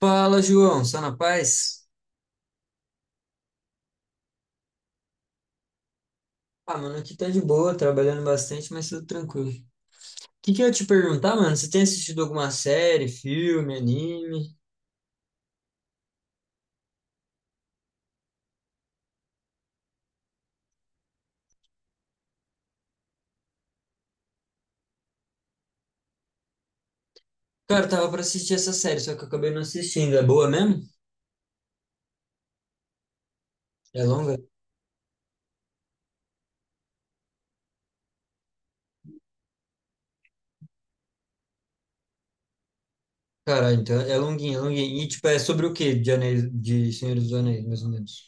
Fala, João, só na paz? Ah, mano, aqui tá de boa, trabalhando bastante, mas tudo tranquilo. O que que eu ia te perguntar, mano? Você tem assistido alguma série, filme, anime? Cara, eu tava pra assistir essa série, só que eu acabei não assistindo. É boa mesmo? É longa? Cara, então é longuinha, é longuinha. E tipo, é sobre o quê? De Anéis, de Senhor dos Anéis, mais ou menos.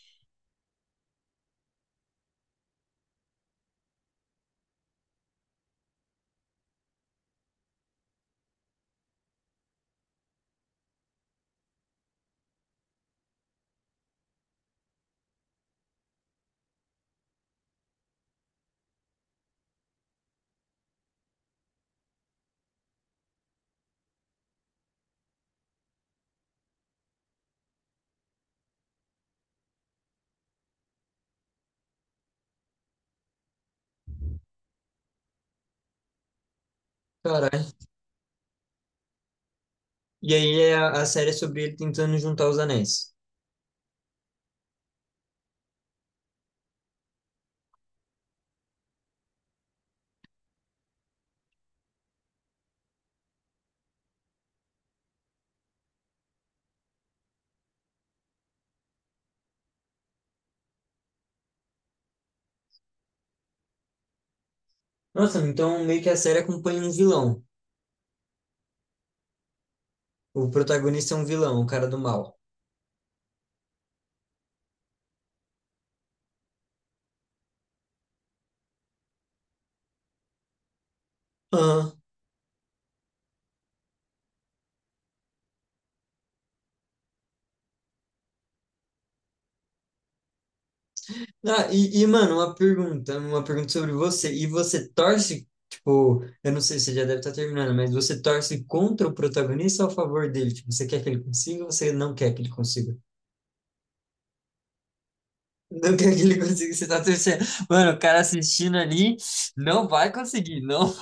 Caralho. E aí é a série é sobre ele tentando juntar os anéis. Nossa, então meio que a série acompanha um vilão. O protagonista é um vilão, o cara do mal. Aham. Ah, mano, uma pergunta sobre você. E você torce, tipo, eu não sei, você já deve estar terminando, mas você torce contra o protagonista ou a favor dele? Tipo, você quer que ele consiga ou você não quer que ele consiga? Não quer que ele consiga, você tá torcendo. Mano, o cara assistindo ali não vai conseguir, não.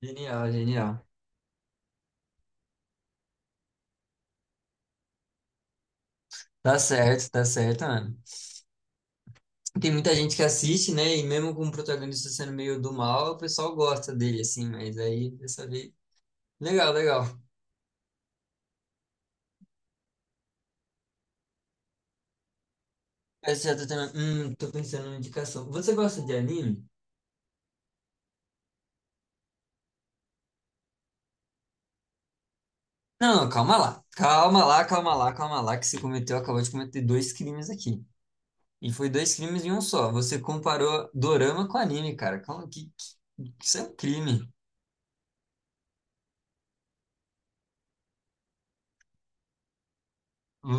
Genial, genial. Tá certo, mano. Tem muita gente que assiste, né? E mesmo com o protagonista sendo meio do mal, o pessoal gosta dele, assim, mas aí, dessa vez. Legal, legal. Essa já tá tendo- tô pensando numa indicação. Você gosta de anime? Não, calma lá. Calma lá, calma lá, calma lá, que você cometeu, acabou de cometer dois crimes aqui. E foi dois crimes em um só. Você comparou dorama com anime, cara. Calma, que- isso é um crime.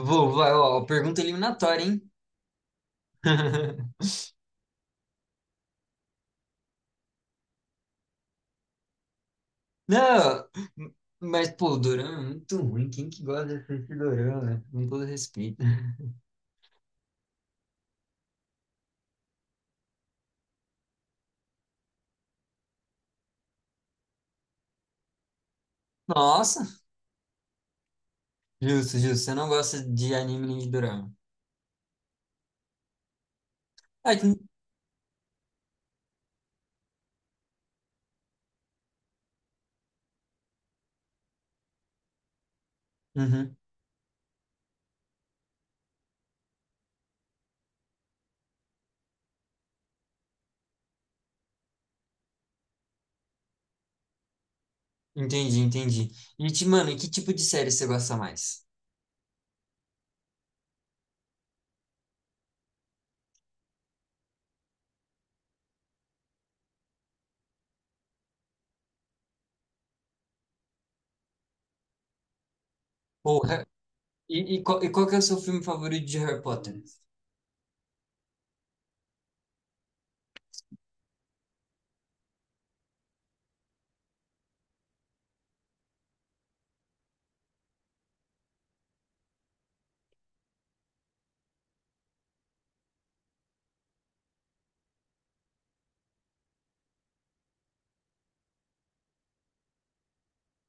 Vou, vai, ó, pergunta eliminatória, hein? Não, mas, pô, o dorama é muito ruim. Quem que gosta de assistir dorama? Né? Com todo respeito. Nossa, justo, justo. Você não gosta de anime nem de dorama. Ah, que- Uhum. Entendi, entendi. Mano, e que tipo de série você gosta mais? Porra, e qual que é o seu filme favorito de Harry Potter?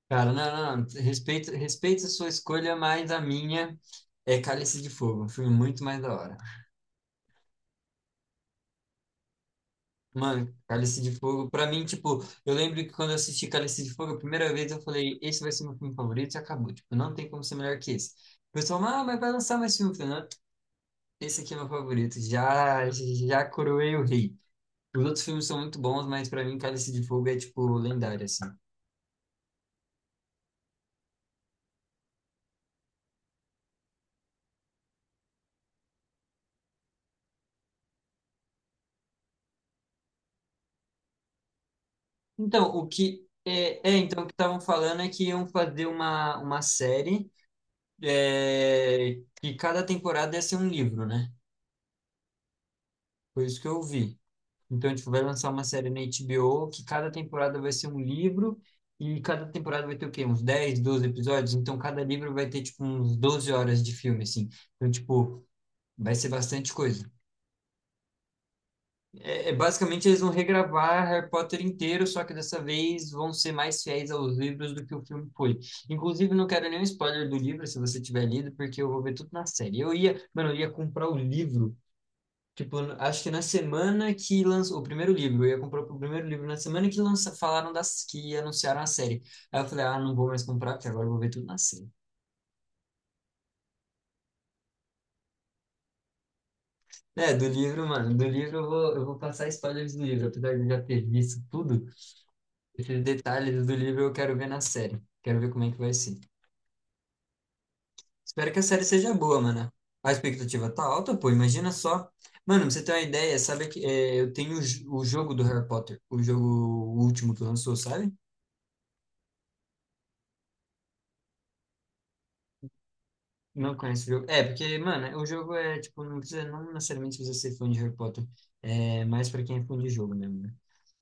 Cara, não, não, não. Respeita, respeita a sua escolha, mas a minha é Cálice de Fogo, um filme muito mais da hora. Mano, Cálice de Fogo, pra mim, tipo, eu lembro que quando eu assisti Cálice de Fogo a primeira vez, eu falei, esse vai ser meu filme favorito e acabou. Tipo, não tem como ser melhor que esse. O pessoal, ah, mas vai lançar mais filme. Eu falei, não, esse aqui é meu favorito, já, já coroei o rei. Os outros filmes são muito bons, mas pra mim Cálice de Fogo é tipo lendário assim. Então, o que é, é, então o que estavam falando é que iam fazer uma série é, que cada temporada ia ser um livro, né? Foi isso que eu vi. Então, tipo, vai lançar uma série na HBO que cada temporada vai ser um livro e cada temporada vai ter o quê? Uns 10 12 episódios, então cada livro vai ter tipo uns 12 horas de filme assim. Então, tipo, vai ser bastante coisa. Basicamente, eles vão regravar Harry Potter inteiro, só que dessa vez vão ser mais fiéis aos livros do que o filme foi. Inclusive, não quero nenhum spoiler do livro, se você tiver lido, porque eu vou ver tudo na série. Eu ia, mano, eu ia comprar o livro, tipo, acho que na semana que lançou o primeiro livro, eu ia comprar o primeiro livro na semana que lança, falaram das que anunciaram a série. Aí eu falei, ah, não vou mais comprar, porque agora eu vou ver tudo na série. É, do livro, mano, do livro eu vou passar spoilers do livro, apesar de eu já ter visto tudo. Esses detalhes do livro eu quero ver na série. Quero ver como é que vai ser. Espero que a série seja boa, mano. A expectativa tá alta, pô. Imagina só. Mano, pra você ter uma ideia, sabe que é, eu tenho o jogo do Harry Potter, o jogo último que lançou, sabe? Não conheço o jogo. É, porque, mano, o jogo é, tipo, não precisa, não necessariamente precisa ser fã de Harry Potter. É mais pra quem é fã de jogo mesmo, né?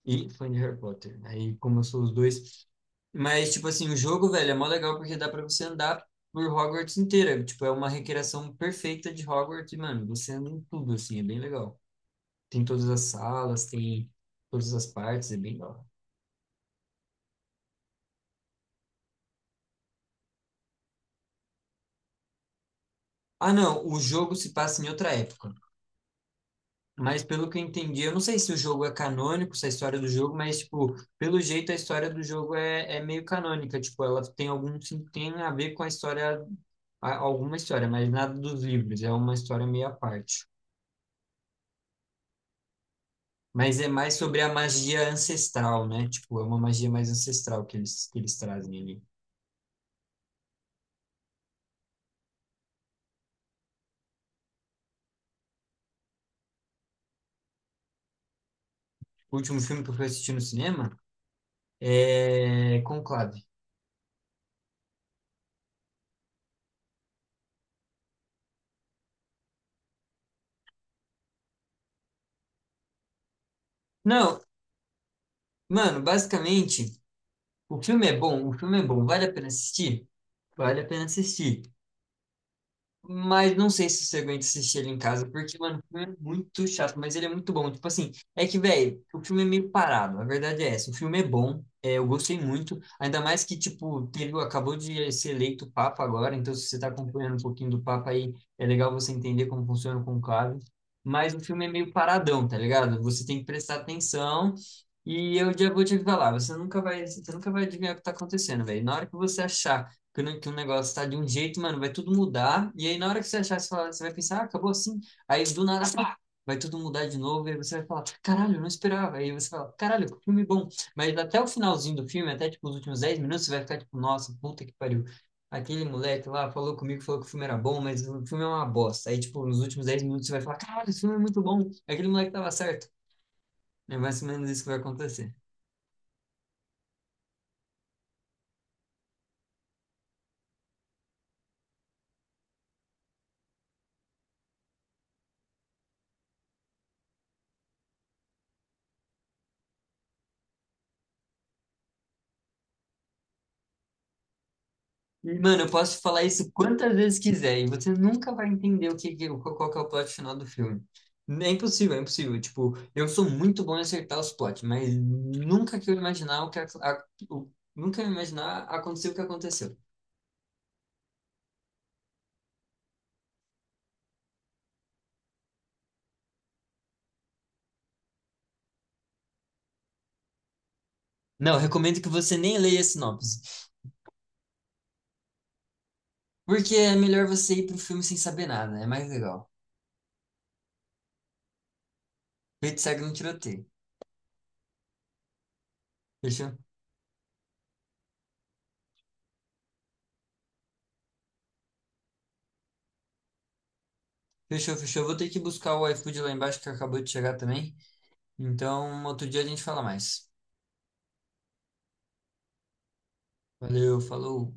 E fã de Harry Potter. Aí, como eu sou os dois. Mas, tipo assim, o jogo, velho, é mó legal porque dá pra você andar por Hogwarts inteira. Tipo, é uma recriação perfeita de Hogwarts, e, mano. Você anda em tudo, assim, é bem legal. Tem todas as salas, tem todas as partes, é bem legal. Ah, não, o jogo se passa em outra época. Mas pelo que eu entendi, eu não sei se o jogo é canônico, se a história do jogo, mas, tipo, pelo jeito a história do jogo é meio canônica. Tipo, ela tem algum, sim- tem a ver com a história, a- alguma história, mas nada dos livros. É uma história meio à parte. Mas é mais sobre a magia ancestral, né? Tipo, é uma magia mais ancestral que eles trazem ali. O último filme que eu fui assistir no cinema é Conclave. Não, mano, basicamente, o filme é bom, o filme é bom, vale a pena assistir? Vale a pena assistir. Mas não sei se você aguenta assistir ele em casa, porque, mano, o filme é muito chato, mas ele é muito bom. Tipo assim, é que, velho, o filme é meio parado, a verdade é essa. O filme é bom, é, eu gostei muito, ainda mais que, tipo, teve, acabou de ser eleito Papa agora, então se você tá acompanhando um pouquinho do Papa aí, é legal você entender como funciona o conclave. Mas o filme é meio paradão, tá ligado? Você tem que prestar atenção. E eu já vou te falar, você nunca vai adivinhar o que tá acontecendo, velho. Na hora que você achar que, não- que um negócio tá de um jeito, mano, vai tudo mudar. E aí, na hora que você achar, você, fala- você vai pensar, ah, acabou assim. Aí, do nada, pá, vai tudo mudar de novo. E aí você vai falar, caralho, eu não esperava. Aí você fala, caralho, que filme bom. Mas até o finalzinho do filme, até, tipo, os últimos 10 minutos, você vai ficar, tipo, nossa, puta que pariu. Aquele moleque lá falou comigo, falou que o filme era bom, mas o filme é uma bosta. Aí, tipo, nos últimos 10 minutos você vai falar, caralho, esse filme é muito bom. Aquele moleque tava certo. É mais ou menos isso que vai acontecer. Mano, eu posso falar isso quantas vezes quiser e você nunca vai entender o que, que- qual que é o plot final do filme. É impossível, é impossível. Tipo, eu sou muito bom em acertar os plots, mas nunca que eu imaginar o que a- o- nunca eu imaginar aconteceu o que aconteceu. Não, eu recomendo que você nem leia a sinopse, porque é melhor você ir pro filme sem saber nada, é mais legal. Feito segue no tiroteio. Fechou? Fechou, fechou. Vou ter que buscar o iFood lá embaixo que acabou de chegar também. Então, outro dia a gente fala mais. Valeu, falou.